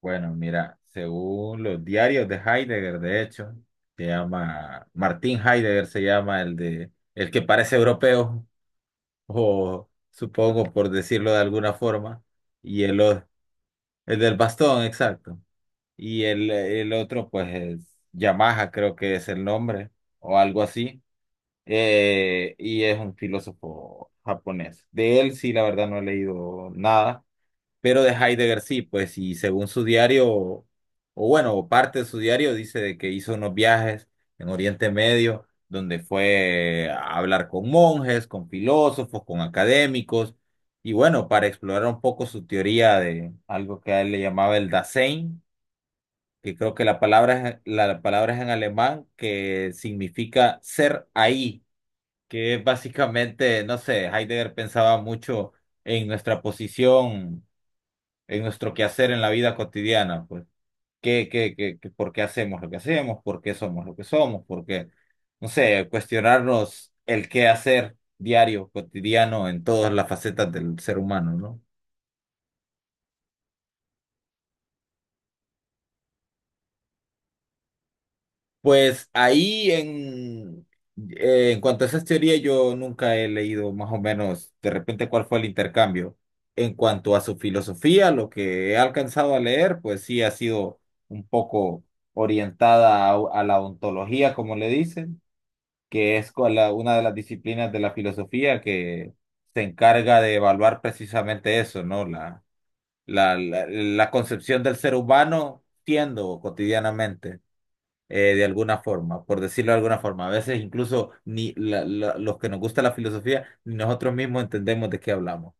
Bueno, mira, según los diarios de Heidegger, de hecho, se llama, Martín Heidegger se llama el que parece europeo, o supongo por decirlo de alguna forma, y el, o- el del bastón, exacto. Y el otro, pues, es Yamaha, creo que es el nombre, o algo así, y es un filósofo japonés. De él sí, la verdad, no he leído nada. Pero de Heidegger sí, pues, y según su diario, o bueno, o parte de su diario, dice de que hizo unos viajes en Oriente Medio, donde fue a hablar con monjes, con filósofos, con académicos, y bueno, para explorar un poco su teoría de algo que a él le llamaba el Dasein, que creo que la palabra es en alemán, que significa ser ahí, que es básicamente, no sé, Heidegger pensaba mucho en nuestra posición en nuestro quehacer en la vida cotidiana, pues, ¿ por qué hacemos lo que hacemos? ¿Por qué somos lo que somos? ¿Por qué, no sé, cuestionarnos el qué hacer diario, cotidiano, en todas las facetas del ser humano, ¿no? Pues ahí en, en cuanto a esas teorías, yo nunca he leído más o menos de repente cuál fue el intercambio. En cuanto a su filosofía, lo que he alcanzado a leer, pues sí ha sido un poco orientada a la ontología, como le dicen, que es con la- una de las disciplinas de la filosofía que se encarga de evaluar precisamente eso, ¿no? La concepción del ser humano siendo cotidianamente, de alguna forma, por decirlo de alguna forma. A veces incluso ni los que nos gusta la filosofía, ni nosotros mismos entendemos de qué hablamos.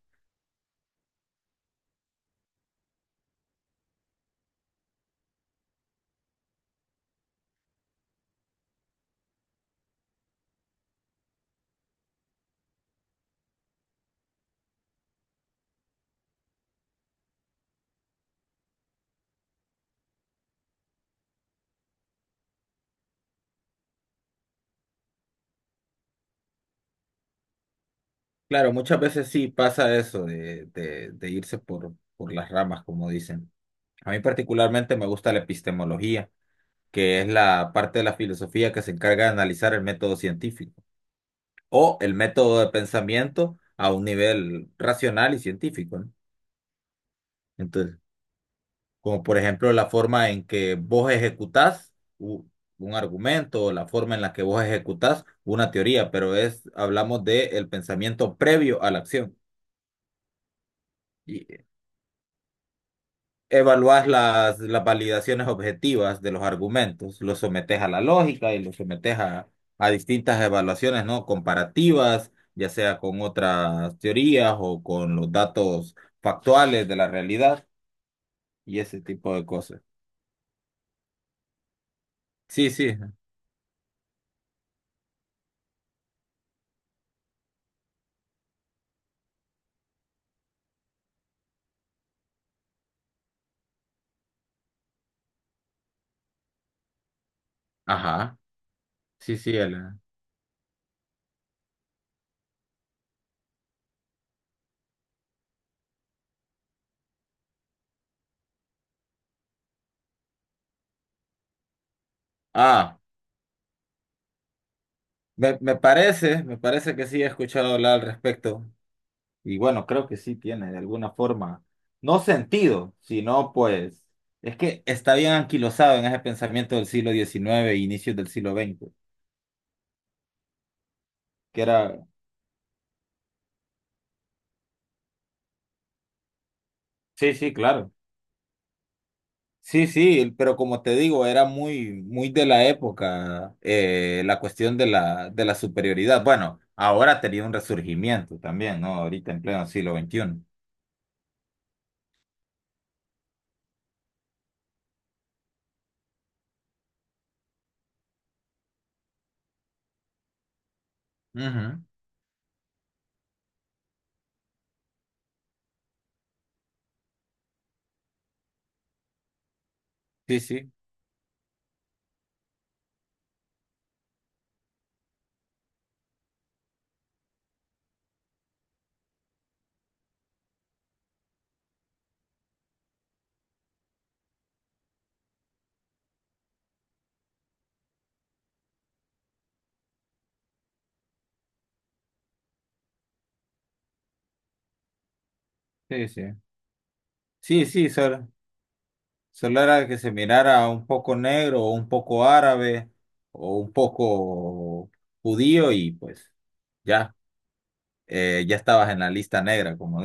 Claro, muchas veces sí pasa eso de irse por las ramas, como dicen. A mí particularmente me gusta la epistemología que es la parte de la filosofía que se encarga de analizar el método científico o el método de pensamiento a un nivel racional y científico, ¿no? Entonces, como por ejemplo la forma en que vos ejecutás u- un argumento o la forma en la que vos ejecutás una teoría, pero es, hablamos de el pensamiento previo a la acción. Evaluás las validaciones objetivas de los argumentos, los sometes a la lógica y los sometes a distintas evaluaciones, ¿no? Comparativas, ya sea con otras teorías o con los datos factuales de la realidad y ese tipo de cosas. Sí, sí, ajá, sí, sí, Elena. Ah, me parece que sí he escuchado hablar al respecto. Y bueno, creo que sí tiene de alguna forma, no sentido, sino pues, es que está bien anquilosado en ese pensamiento del siglo XIX e inicios del siglo XX que era, sí, sí, claro. Sí, sí, pero como te digo, era muy, muy de la época la cuestión de de la superioridad. Bueno, ahora ha tenido un resurgimiento también, ¿no? Ahorita en pleno siglo XXI. Ujú. Sí, sí, sí, sí. Sí, sí, Sora. Solo era que se mirara un poco negro, o un poco árabe, o un poco judío, y pues ya, ya estabas en la lista negra, como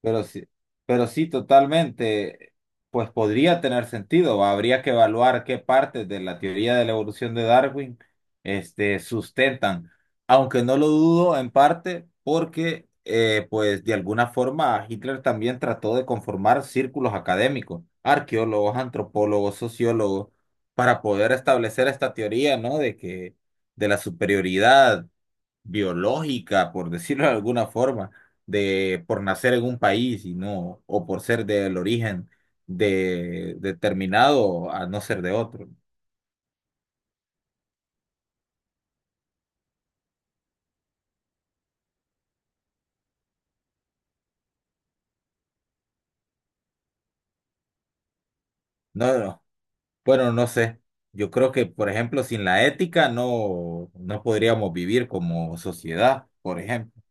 pero sí, pero sí, totalmente, pues podría tener sentido. Habría que evaluar qué partes de la teoría de la evolución de Darwin, este, sustentan. Aunque no lo dudo en parte porque, pues, de alguna forma Hitler también trató de conformar círculos académicos, arqueólogos, antropólogos, sociólogos, para poder establecer esta teoría, ¿no? De que, de la superioridad biológica, por decirlo de alguna forma, de por nacer en un país y no, o por ser del origen de determinado a no ser de otro. No, no, bueno, no sé. Yo creo que, por ejemplo, sin la ética no, no podríamos vivir como sociedad, por ejemplo.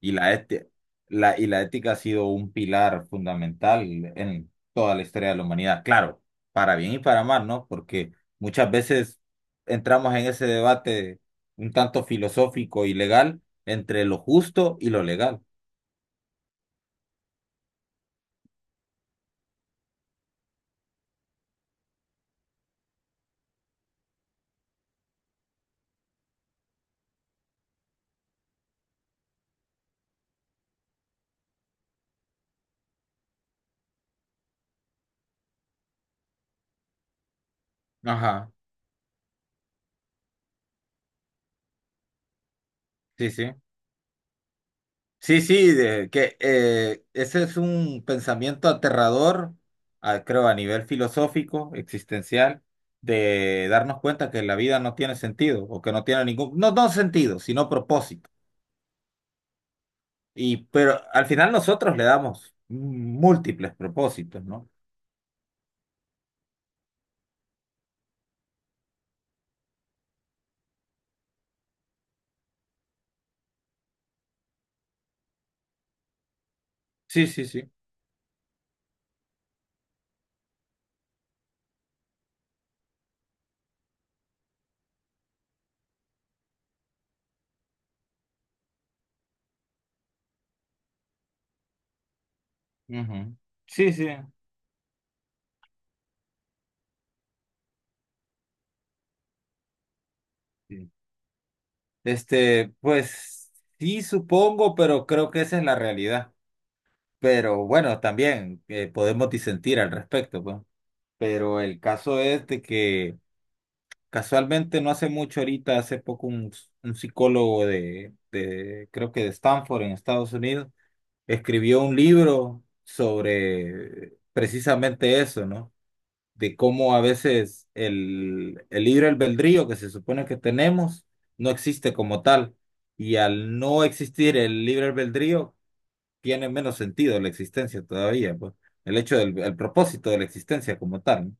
Y la, y la ética ha sido un pilar fundamental en toda la historia de la humanidad, claro, para bien y para mal, ¿no? Porque muchas veces entramos en ese debate un tanto filosófico y legal entre lo justo y lo legal. Ajá, sí, sí. Sí, sí, de, que ese es un pensamiento aterrador, creo, a nivel filosófico, existencial, de darnos cuenta que la vida no tiene sentido o que no tiene ningún, no, no sentido, sino propósito. Y, pero al final nosotros le damos múltiples propósitos, ¿no? Sí, sí, sí. Ujú. Sí, sí. Sí. Este, pues sí, supongo, pero creo que esa es la realidad. Pero bueno, también podemos disentir al respecto, pues. Pero el caso es de que casualmente no hace mucho ahorita, hace poco un psicólogo creo que de Stanford en Estados Unidos, escribió un libro sobre precisamente eso, ¿no? De cómo a veces el libre albedrío que se supone que tenemos no existe como tal. Y al no existir el libre albedrío, tiene menos sentido la existencia todavía, pues. El hecho del el propósito de la existencia como tal, ¿no?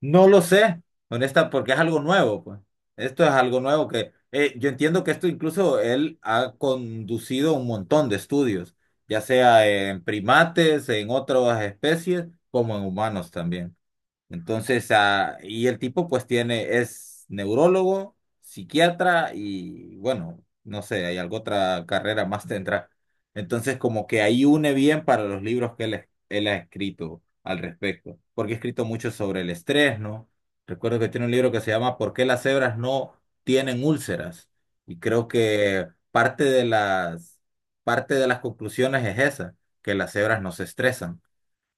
No lo sé, honesta, porque es algo nuevo, pues. Esto es algo nuevo que yo entiendo que esto incluso él ha conducido un montón de estudios, ya sea en primates, en otras especies, como en humanos también. Entonces, y el tipo pues tiene, es neurólogo, psiquiatra y bueno, no sé, hay alguna otra carrera más tendrá. Entonces, como que ahí une bien para los libros que él ha escrito al respecto, porque ha escrito mucho sobre el estrés, ¿no? Recuerdo que tiene un libro que se llama ¿Por qué las cebras no tienen úlceras? Y creo que parte de las conclusiones es esa, que las cebras no se estresan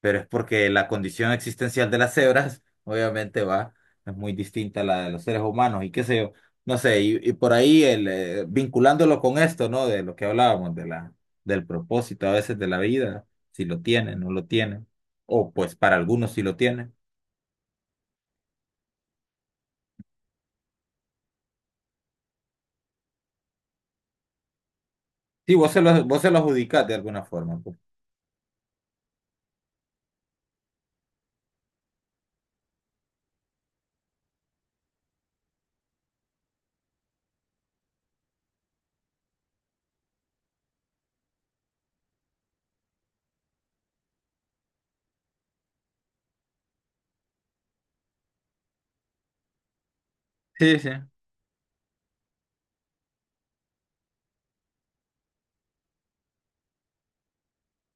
pero es porque la condición existencial de las cebras, obviamente, va, es muy distinta a la de los seres humanos y qué sé yo, no sé, y por ahí vinculándolo con esto, ¿no? De lo que hablábamos, del propósito a veces de la vida, si lo tienen, no lo tienen, o pues para algunos sí lo tienen. Sí, vos se lo adjudicás de alguna forma, pues. Sí, sí,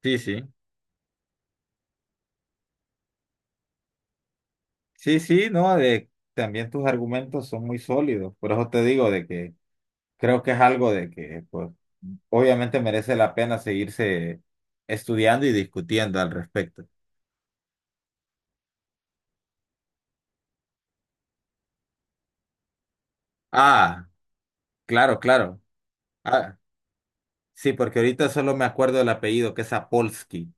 sí, sí, sí, sí, no, de, también tus argumentos son muy sólidos, por eso te digo de que creo que es algo de que, pues, obviamente merece la pena seguirse estudiando y discutiendo al respecto. Ah, claro, claro. Ah, sí, porque ahorita solo me acuerdo del apellido, que es Apolsky,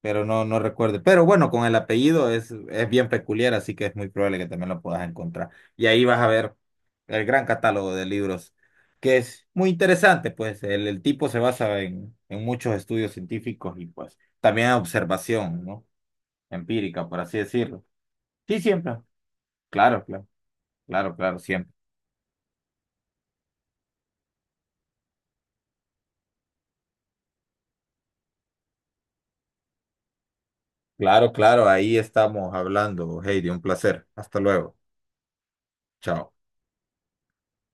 pero no, no recuerdo. Pero bueno, con el apellido es bien peculiar, así que es muy probable que también lo puedas encontrar. Y ahí vas a ver el gran catálogo de libros, que es muy interesante, pues el tipo se basa en muchos estudios científicos y pues también en observación, ¿no? Empírica, por así decirlo. Sí, siempre. Claro, claro, claro, claro, siempre. Claro, claro, ahí estamos hablando, Heidi, un placer. Hasta luego. Chao.